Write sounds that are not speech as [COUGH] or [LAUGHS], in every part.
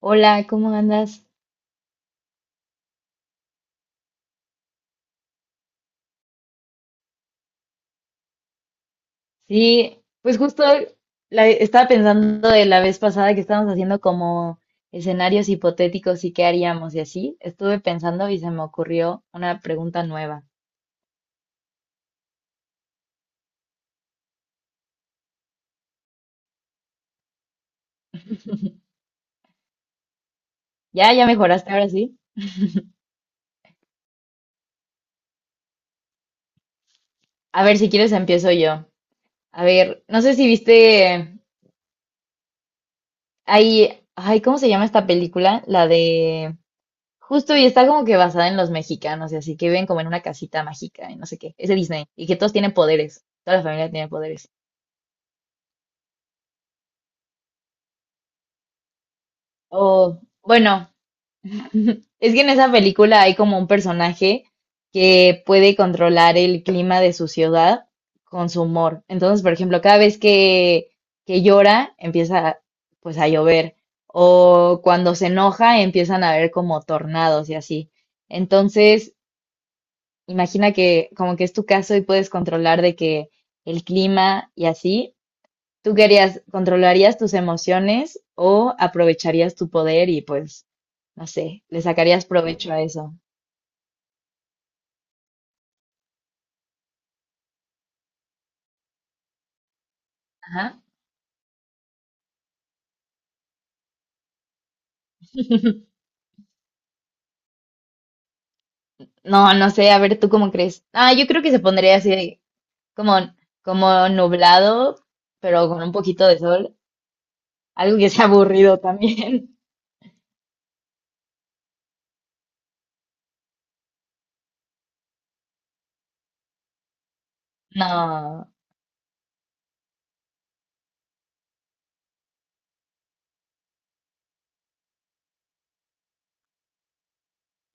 Hola, ¿cómo andas? Sí, pues justo estaba pensando de la vez pasada que estábamos haciendo como escenarios hipotéticos y qué haríamos y así. Estuve pensando y se me ocurrió una pregunta nueva. Ya, ya mejoraste ahora sí. A ver, si quieres empiezo yo. A ver, no sé si viste ahí, ay, ¿cómo se llama esta película? La de justo y está como que basada en los mexicanos y así que viven como en una casita mágica y no sé qué. Es de Disney y que todos tienen poderes. Toda la familia tiene poderes. O, bueno, [LAUGHS] es que en esa película hay como un personaje que puede controlar el clima de su ciudad con su humor. Entonces, por ejemplo, cada vez que llora, empieza pues a llover. O cuando se enoja, empiezan a haber como tornados y así. Entonces, imagina que como que es tu caso y puedes controlar de que el clima y así. ¿Tú querías, controlarías tus emociones o aprovecharías tu poder y pues, no sé, le sacarías provecho a eso? Ajá. No, no sé, a ver, ¿tú cómo crees? Ah, yo creo que se pondría como, como nublado, pero con un poquito de sol, algo que sea aburrido también. [LAUGHS] No.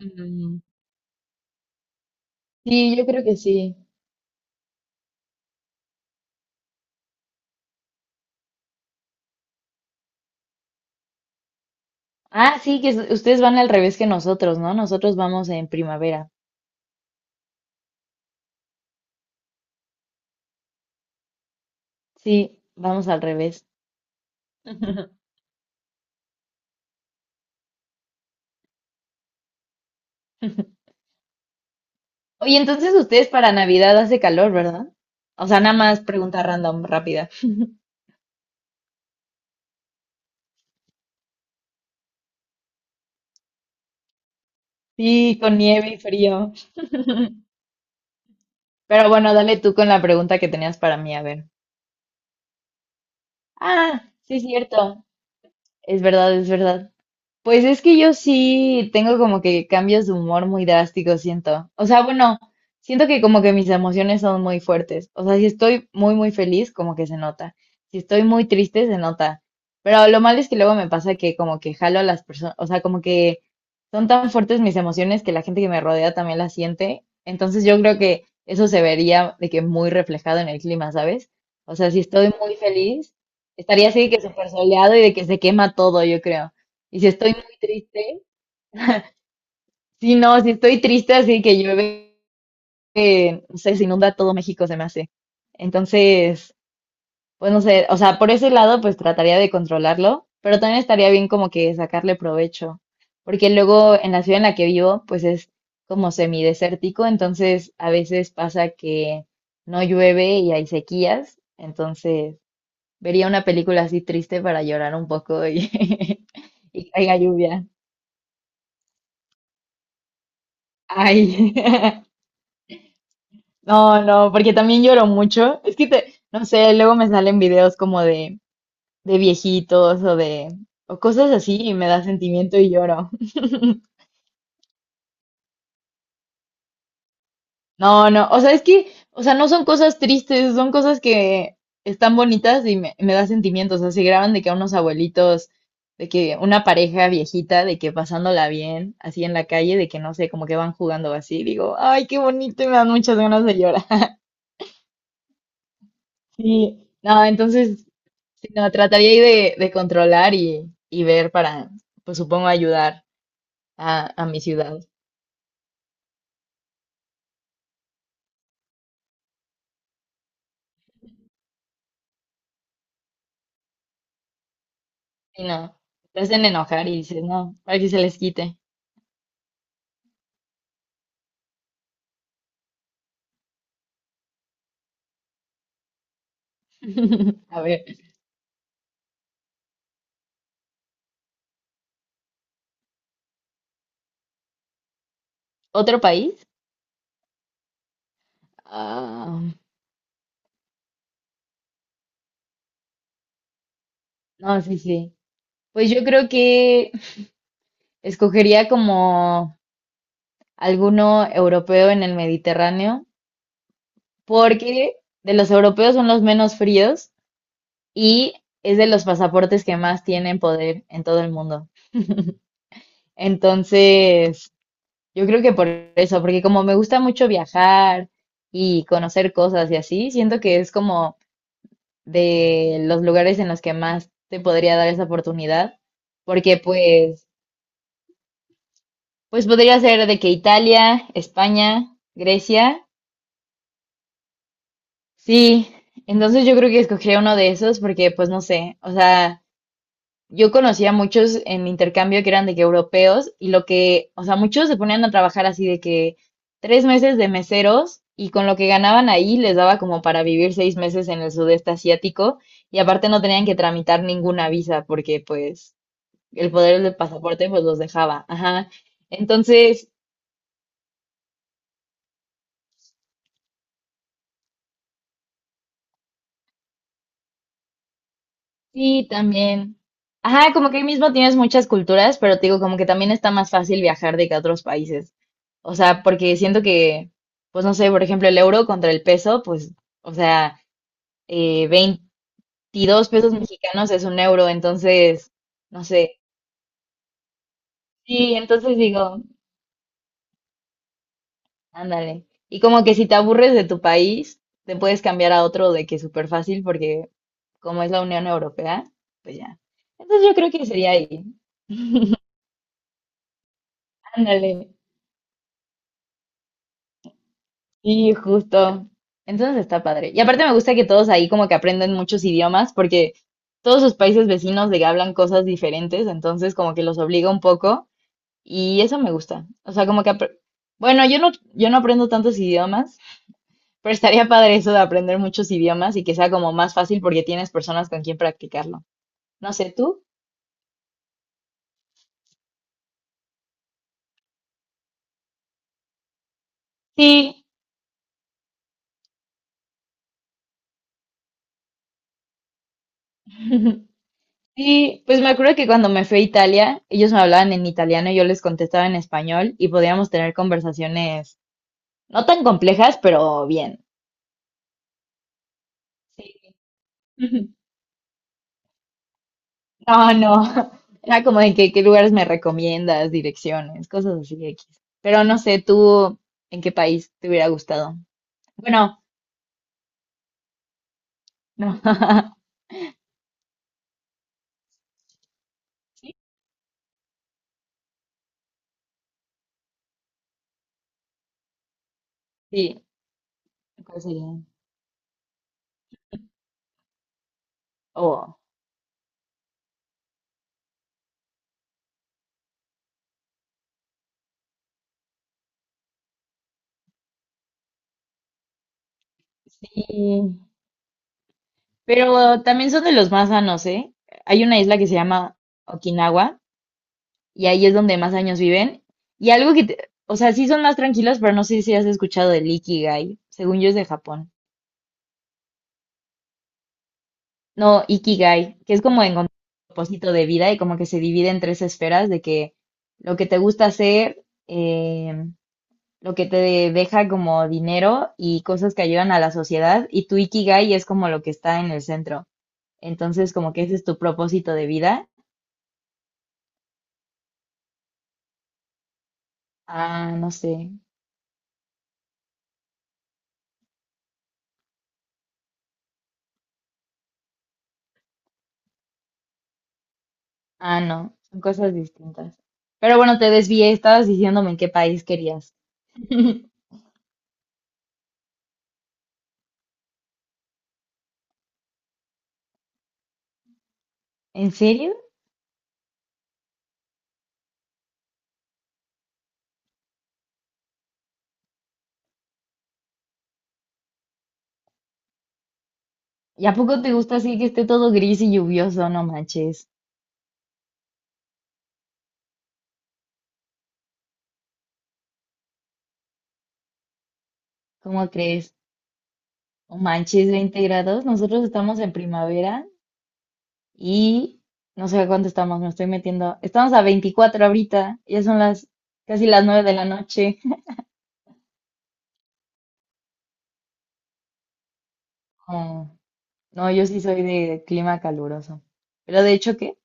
Mm, sí, yo creo que sí. Ah, sí, ustedes van al revés que nosotros, ¿no? Nosotros vamos en primavera. Sí, vamos al revés. [LAUGHS] Oye, entonces ustedes para Navidad hace calor, ¿verdad? O sea, nada más pregunta random, rápida. Sí, con nieve y frío. Pero bueno, dale tú con la pregunta que tenías para mí, a ver. Ah, sí, es cierto. Es verdad, es verdad. Pues es que yo sí tengo como que cambios de humor muy drásticos, siento. O sea, bueno, siento que como que mis emociones son muy fuertes. O sea, si estoy muy, muy feliz, como que se nota. Si estoy muy triste, se nota. Pero lo malo es que luego me pasa que como que jalo a las personas, o sea, como que son tan fuertes mis emociones que la gente que me rodea también las siente. Entonces yo creo que eso se vería de que muy reflejado en el clima, ¿sabes? O sea, si estoy muy feliz, estaría así de que súper soleado y de que se quema todo, yo creo. Y si estoy muy triste, sí no, si estoy triste, así que llueve, no sé, se inunda todo México, se me hace. Entonces, pues no sé, o sea, por ese lado, pues trataría de controlarlo, pero también estaría bien como que sacarle provecho, porque luego en la ciudad en la que vivo, pues es como semidesértico, entonces a veces pasa que no llueve y hay sequías, entonces vería una película así triste para llorar un poco y, [LAUGHS] y caiga lluvia. Ay. [LAUGHS] No, no, porque también lloro mucho. Es que te, no sé, luego me salen videos como de viejitos o de, o cosas así y me da sentimiento y lloro. [LAUGHS] No, no, o sea, es que, o sea, no son cosas tristes, son cosas que están bonitas y me da sentimientos. O sea, se graban de que a unos abuelitos, de que una pareja viejita, de que pasándola bien, así en la calle, de que no sé, como que van jugando así. Digo, ay, qué bonito y me dan muchas ganas de llorar. [LAUGHS] Sí, no, entonces sí, no, trataría ahí de controlar y ver para, pues supongo, ayudar a mi ciudad. Y no, te hacen enojar y dices, no, para que se les quite. [LAUGHS] A ver, ¿otro país? Ah, no, sí, sí. Pues yo creo que escogería como alguno europeo en el Mediterráneo, porque de los europeos son los menos fríos y es de los pasaportes que más tienen poder en todo el mundo. Entonces... yo creo que por eso, porque como me gusta mucho viajar y conocer cosas y así, siento que es como de los lugares en los que más te podría dar esa oportunidad, porque pues, pues podría ser de que Italia, España, Grecia, sí, entonces yo creo que escogería uno de esos porque pues no sé, o sea, yo conocía a muchos en mi intercambio que eran de que europeos y lo que, o sea, muchos se ponían a trabajar así de que 3 meses de meseros y con lo que ganaban ahí les daba como para vivir 6 meses en el sudeste asiático y aparte no tenían que tramitar ninguna visa porque pues el poder del pasaporte pues los dejaba. Ajá. Entonces, sí, también. Ajá, como que ahí mismo tienes muchas culturas, pero te digo, como que también está más fácil viajar de que a otros países. O sea, porque siento que, pues no sé, por ejemplo, el euro contra el peso, pues, o sea, eh, 22 pesos mexicanos es un euro, entonces, no sé. Sí, entonces digo, ándale. Y como que si te aburres de tu país, te puedes cambiar a otro de que súper fácil, porque como es la Unión Europea, pues ya. Entonces yo creo que sería ahí. Ándale. Y justo. Entonces está padre. Y aparte me gusta que todos ahí como que aprenden muchos idiomas porque todos sus países vecinos de que hablan cosas diferentes, entonces como que los obliga un poco y eso me gusta. O sea, bueno, yo no aprendo tantos idiomas, pero estaría padre eso de aprender muchos idiomas y que sea como más fácil porque tienes personas con quien practicarlo. No sé, ¿tú? Sí. [LAUGHS] Sí, pues me acuerdo que cuando me fui a Italia, ellos me hablaban en italiano y yo les contestaba en español y podíamos tener conversaciones no tan complejas, pero bien. Sí. Ujú. No, no. [LAUGHS] Era como de que qué lugares me recomiendas, direcciones, cosas así de X. Pero no sé, tú, ¿en qué país te hubiera gustado? Bueno, no. [LAUGHS] Sí, sí, ¿cuál sería? Oh, sí. Pero también son de los más sanos, ¿eh? Hay una isla que se llama Okinawa y ahí es donde más años viven. Y algo que, o sea, sí son más tranquilos, pero no sé si has escuchado del Ikigai. Según yo es de Japón. No, Ikigai, que es como encontrar un propósito de vida y como que se divide en tres esferas de que lo que te gusta hacer, lo que te deja como dinero y cosas que ayudan a la sociedad y tu Ikigai es como lo que está en el centro. Entonces, como que ese es tu propósito de vida. Ah, no sé. Ah, no, son cosas distintas. Pero bueno, te desvié, estabas diciéndome en qué país querías. [LAUGHS] ¿En serio? ¿Y a poco te gusta así que esté todo gris y lluvioso? No manches. ¿Cómo crees? No manches, 20 grados. Nosotros estamos en primavera y no sé a cuánto estamos, me estoy metiendo. Estamos a 24 ahorita, ya son las casi las 9 de la noche. No, no, yo sí soy de clima caluroso. Pero de hecho, ¿qué?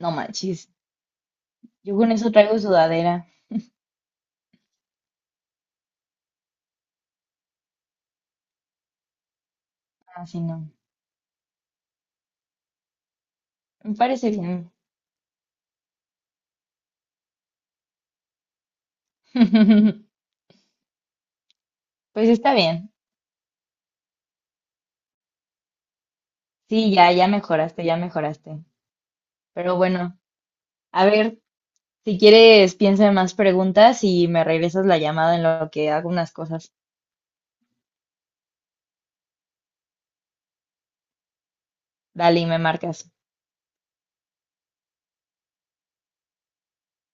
No manches. Yo con eso traigo sudadera. Así no. Me parece bien. [LAUGHS] Pues está bien. Sí, ya, ya mejoraste, ya mejoraste. Pero bueno, a ver, si quieres, piensa en más preguntas y me regresas la llamada en lo que hago unas cosas. Dale y me marcas.